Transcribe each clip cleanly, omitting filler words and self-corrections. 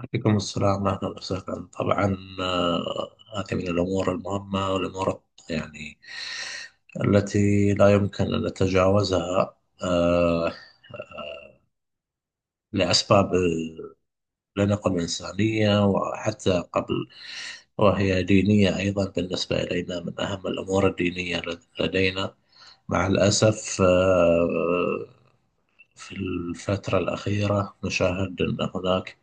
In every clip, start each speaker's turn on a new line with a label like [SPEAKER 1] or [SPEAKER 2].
[SPEAKER 1] عليكم السلام، أهلا وسهلا. طبعا، هذه من الأمور المهمة، والأمور يعني التي لا يمكن أن نتجاوزها آه، آه، لأسباب، لنقل إنسانية وحتى قبل، وهي دينية أيضا. بالنسبة إلينا من أهم الأمور الدينية لدينا. مع الأسف في الفترة الأخيرة نشاهد أن هناك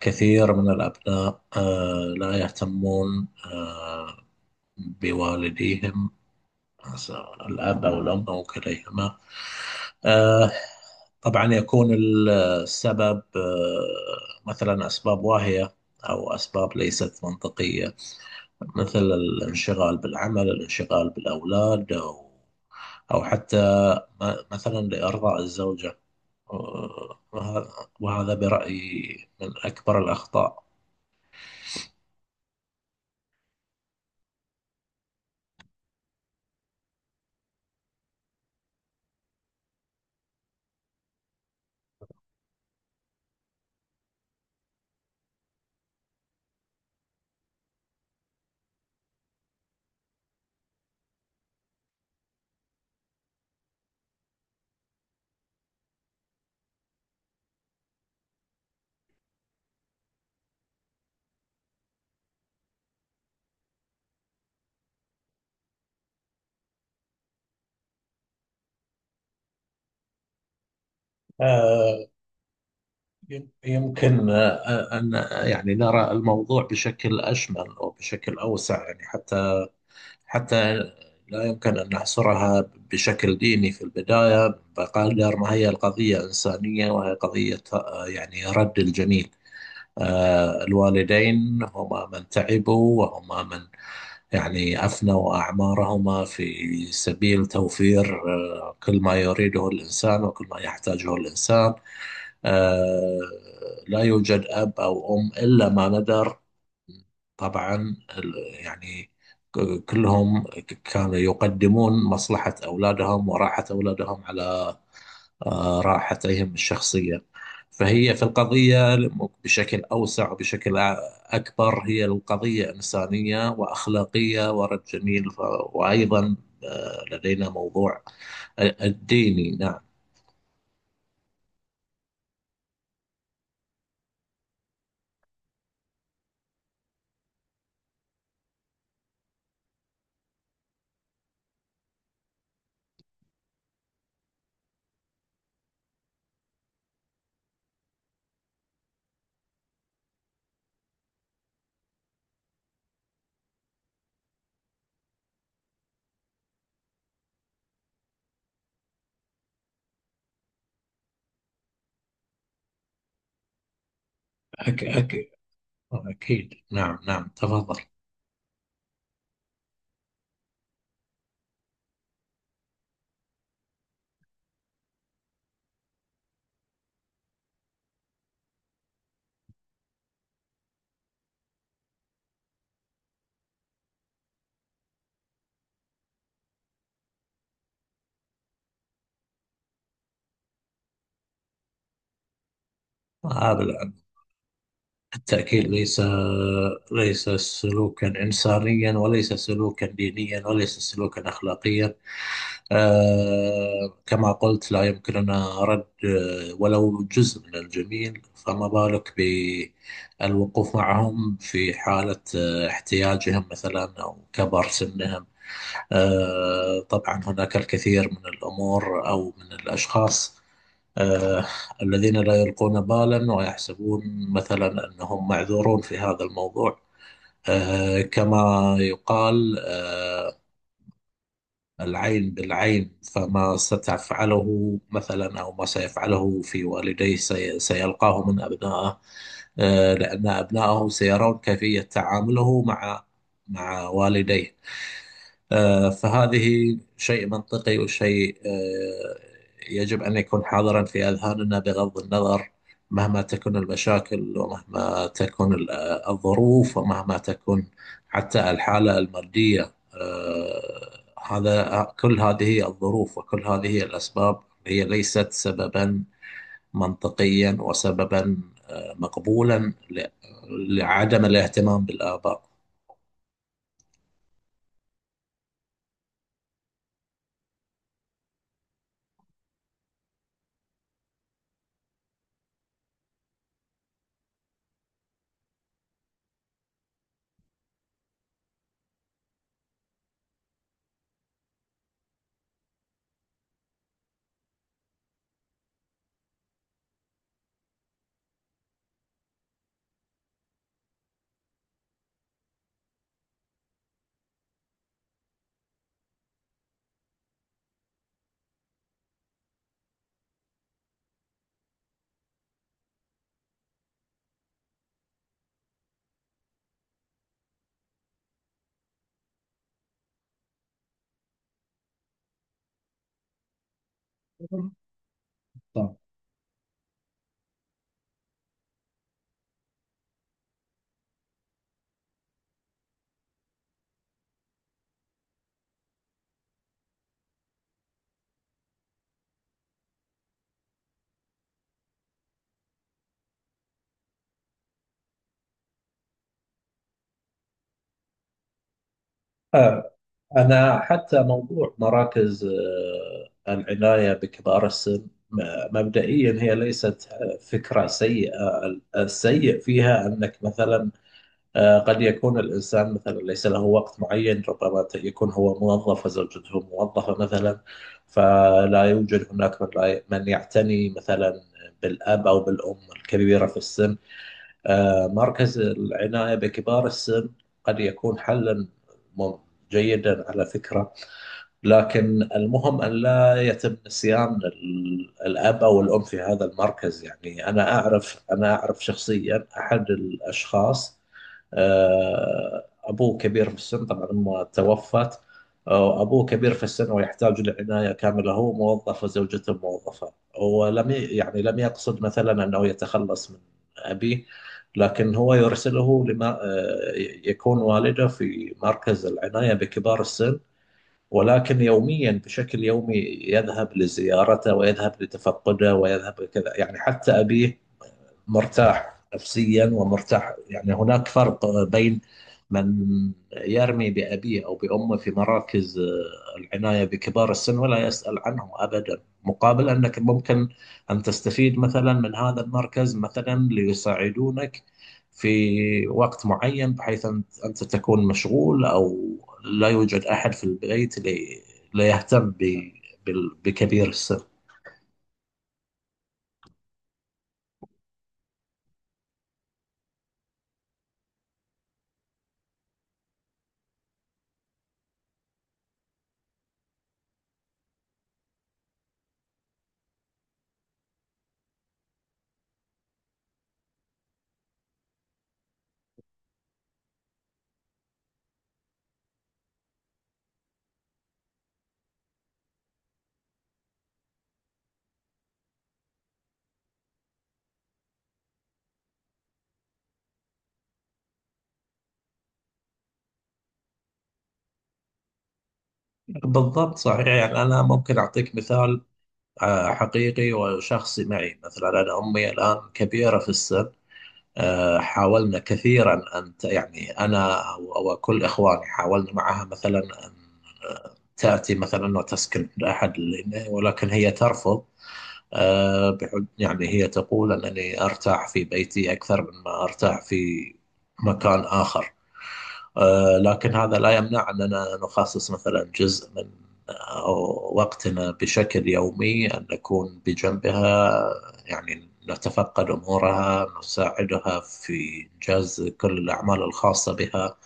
[SPEAKER 1] كثير من الأبناء لا يهتمون بوالديهم، س- الأب أو الأم أو كليهما. آه، طبعا يكون السبب مثلا أسباب واهية، أو أسباب ليست منطقية، مثل الانشغال بالعمل، الانشغال بالأولاد، أو حتى مثلا لإرضاء الزوجة. وهذا برأيي من أكبر الأخطاء. يمكن أن يعني نرى الموضوع بشكل أشمل وبشكل أوسع، يعني حتى حتى لا يمكن أن نحصرها بشكل ديني في البداية، بقدر ما هي القضية إنسانية، وهي قضية يعني رد الجميل. الوالدين هما من تعبوا، وهما من يعني أفنوا أعمارهما في سبيل توفير كل ما يريده الإنسان وكل ما يحتاجه الإنسان. آه لا يوجد أب أو أم إلا ما ندر. طبعا يعني كلهم كانوا يقدمون مصلحة أولادهم وراحة أولادهم على راحتهم الشخصية. فهي في القضية بشكل أوسع وبشكل أكبر، هي القضية إنسانية وأخلاقية ورد جميل. وأيضا لدينا موضوع الديني، نعم. أك أك أكيد، نعم، نعم، تفضل. هذا الع- التأكيد ليس سلوكا إنسانيا، وليس سلوكا دينيا، وليس سلوكا أخلاقيا. كما قلت، لا يمكننا رد ولو جزء من الجميل، فما بالك بالوقوف معهم في حالة احتياجهم مثلا أو كبر سنهم. طبعا هناك الكثير من الأمور أو من الأشخاص آه، الذين لا يلقون بالا ويحسبون مثلا أنهم معذورون في هذا الموضوع. كما يقال العين بالعين، فما ستفعله مثلا أو ما سيفعله في والديه سيلقاه من أبنائه، لأن أبنائه سيرون كيفية تعامله مع والديه. فهذه شيء منطقي، وشيء يجب أن يكون حاضرا في أذهاننا، بغض النظر مهما تكون المشاكل، ومهما تكون الظروف، ومهما تكون حتى الحالة المادية. هذا كل هذه الظروف وكل هذه الأسباب هي ليست سببا منطقيا، وسببا مقبولا لعدم الاهتمام بالآباء. طبعا أنا حتى موضوع مراكز العناية بكبار السن، مبدئيا هي ليست فكرة سيئة. السيء فيها أنك مثلا قد يكون الإنسان مثلا ليس له وقت معين، ربما يكون هو موظف وزوجته موظفة مثلا، فلا يوجد هناك من لا ي- من يعتني مثلا بالأب أو بالأم الكبيرة في السن. مركز العناية بكبار السن قد يكون حلا مم- جيدا على فكرة، لكن المهم أن لا يتم نسيان الأب أو الأم في هذا المركز. يعني أنا أعرف شخصيا أحد الأشخاص أبوه كبير في السن، طبعا أمه توفت. أبوه كبير في السن ويحتاج لعناية كاملة، هو موظف وزوجته موظفة، ولم يعني لم يقصد مثلا أنه يتخلص من أبيه، لكن هو يرسله لما يكون والده في مركز العناية بكبار السن، ولكن يوميا، بشكل يومي يذهب لزيارته، ويذهب لتفقده، ويذهب كذا، يعني حتى أبيه مرتاح نفسيا ومرتاح. يعني هناك فرق بين من يرمي بأبيه أو بأمه في مراكز العناية بكبار السن ولا يسأل عنهم أبدا، مقابل أنك ممكن أن تستفيد مثلا من هذا المركز مثلا ليساعدونك في وقت معين، بحيث أنت تكون مشغول، أو لا يوجد أحد في البيت ليهتم بكبير السن. بالضبط، صحيح. يعني أنا ممكن أعطيك مثال حقيقي وشخصي معي. مثلا أنا أمي الآن كبيرة في السن، حاولنا كثيرا أن يعني أنا أو كل إخواني حاولنا معها مثلا أن تأتي مثلا وتسكن عند أحد لنا، ولكن هي ترفض. بحج، يعني هي تقول أنني أرتاح في بيتي أكثر مما أرتاح في مكان آخر. لكن هذا لا يمنع أننا نخصص مثلا جزء من آه، وقتنا بشكل يومي أن نكون بجنبها، يعني نتفقد أمورها، نساعدها في إنجاز كل الأعمال الخاصة بها،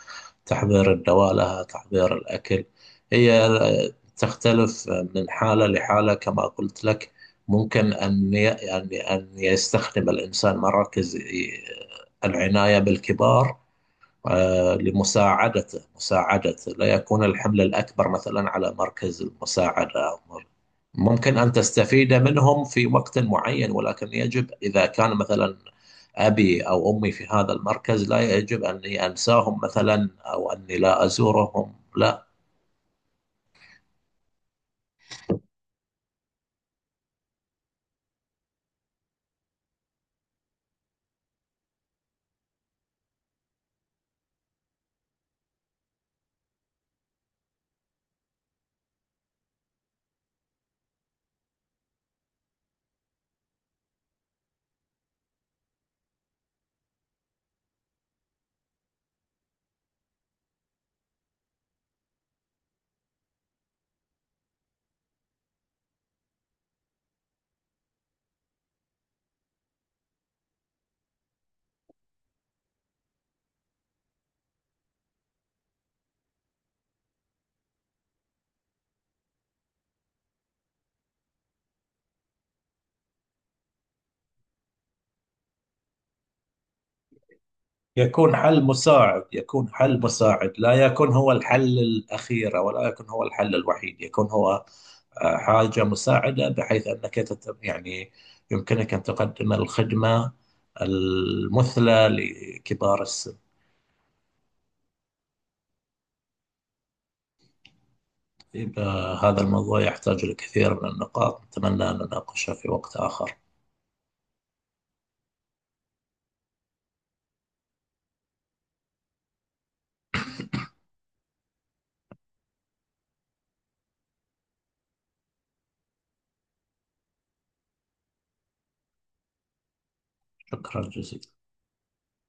[SPEAKER 1] تحضير الدواء لها، تحضير الأكل. هي تختلف من حالة لحالة. كما قلت لك ممكن أن يستخدم الإنسان مراكز العناية بالكبار لمساعدته، مساعدته لا يكون الحمل الأكبر مثلا على مركز المساعدة، أو ممكن أن تستفيد منهم في وقت معين، ولكن يجب إذا كان مثلا أبي أو أمي في هذا المركز لا يجب أني أنساهم مثلا، أو أني لا أزورهم، لا. يكون حل مساعد، لا يكون هو الحل الأخير، ولا يكون هو الحل الوحيد، يكون هو حاجة مساعدة، بحيث أنك يعني يمكنك أن تقدم الخدمة المثلى لكبار السن. إذا هذا الموضوع يحتاج لكثير من النقاط، نتمنى أن نناقشها في وقت آخر. شكرا جزيلا.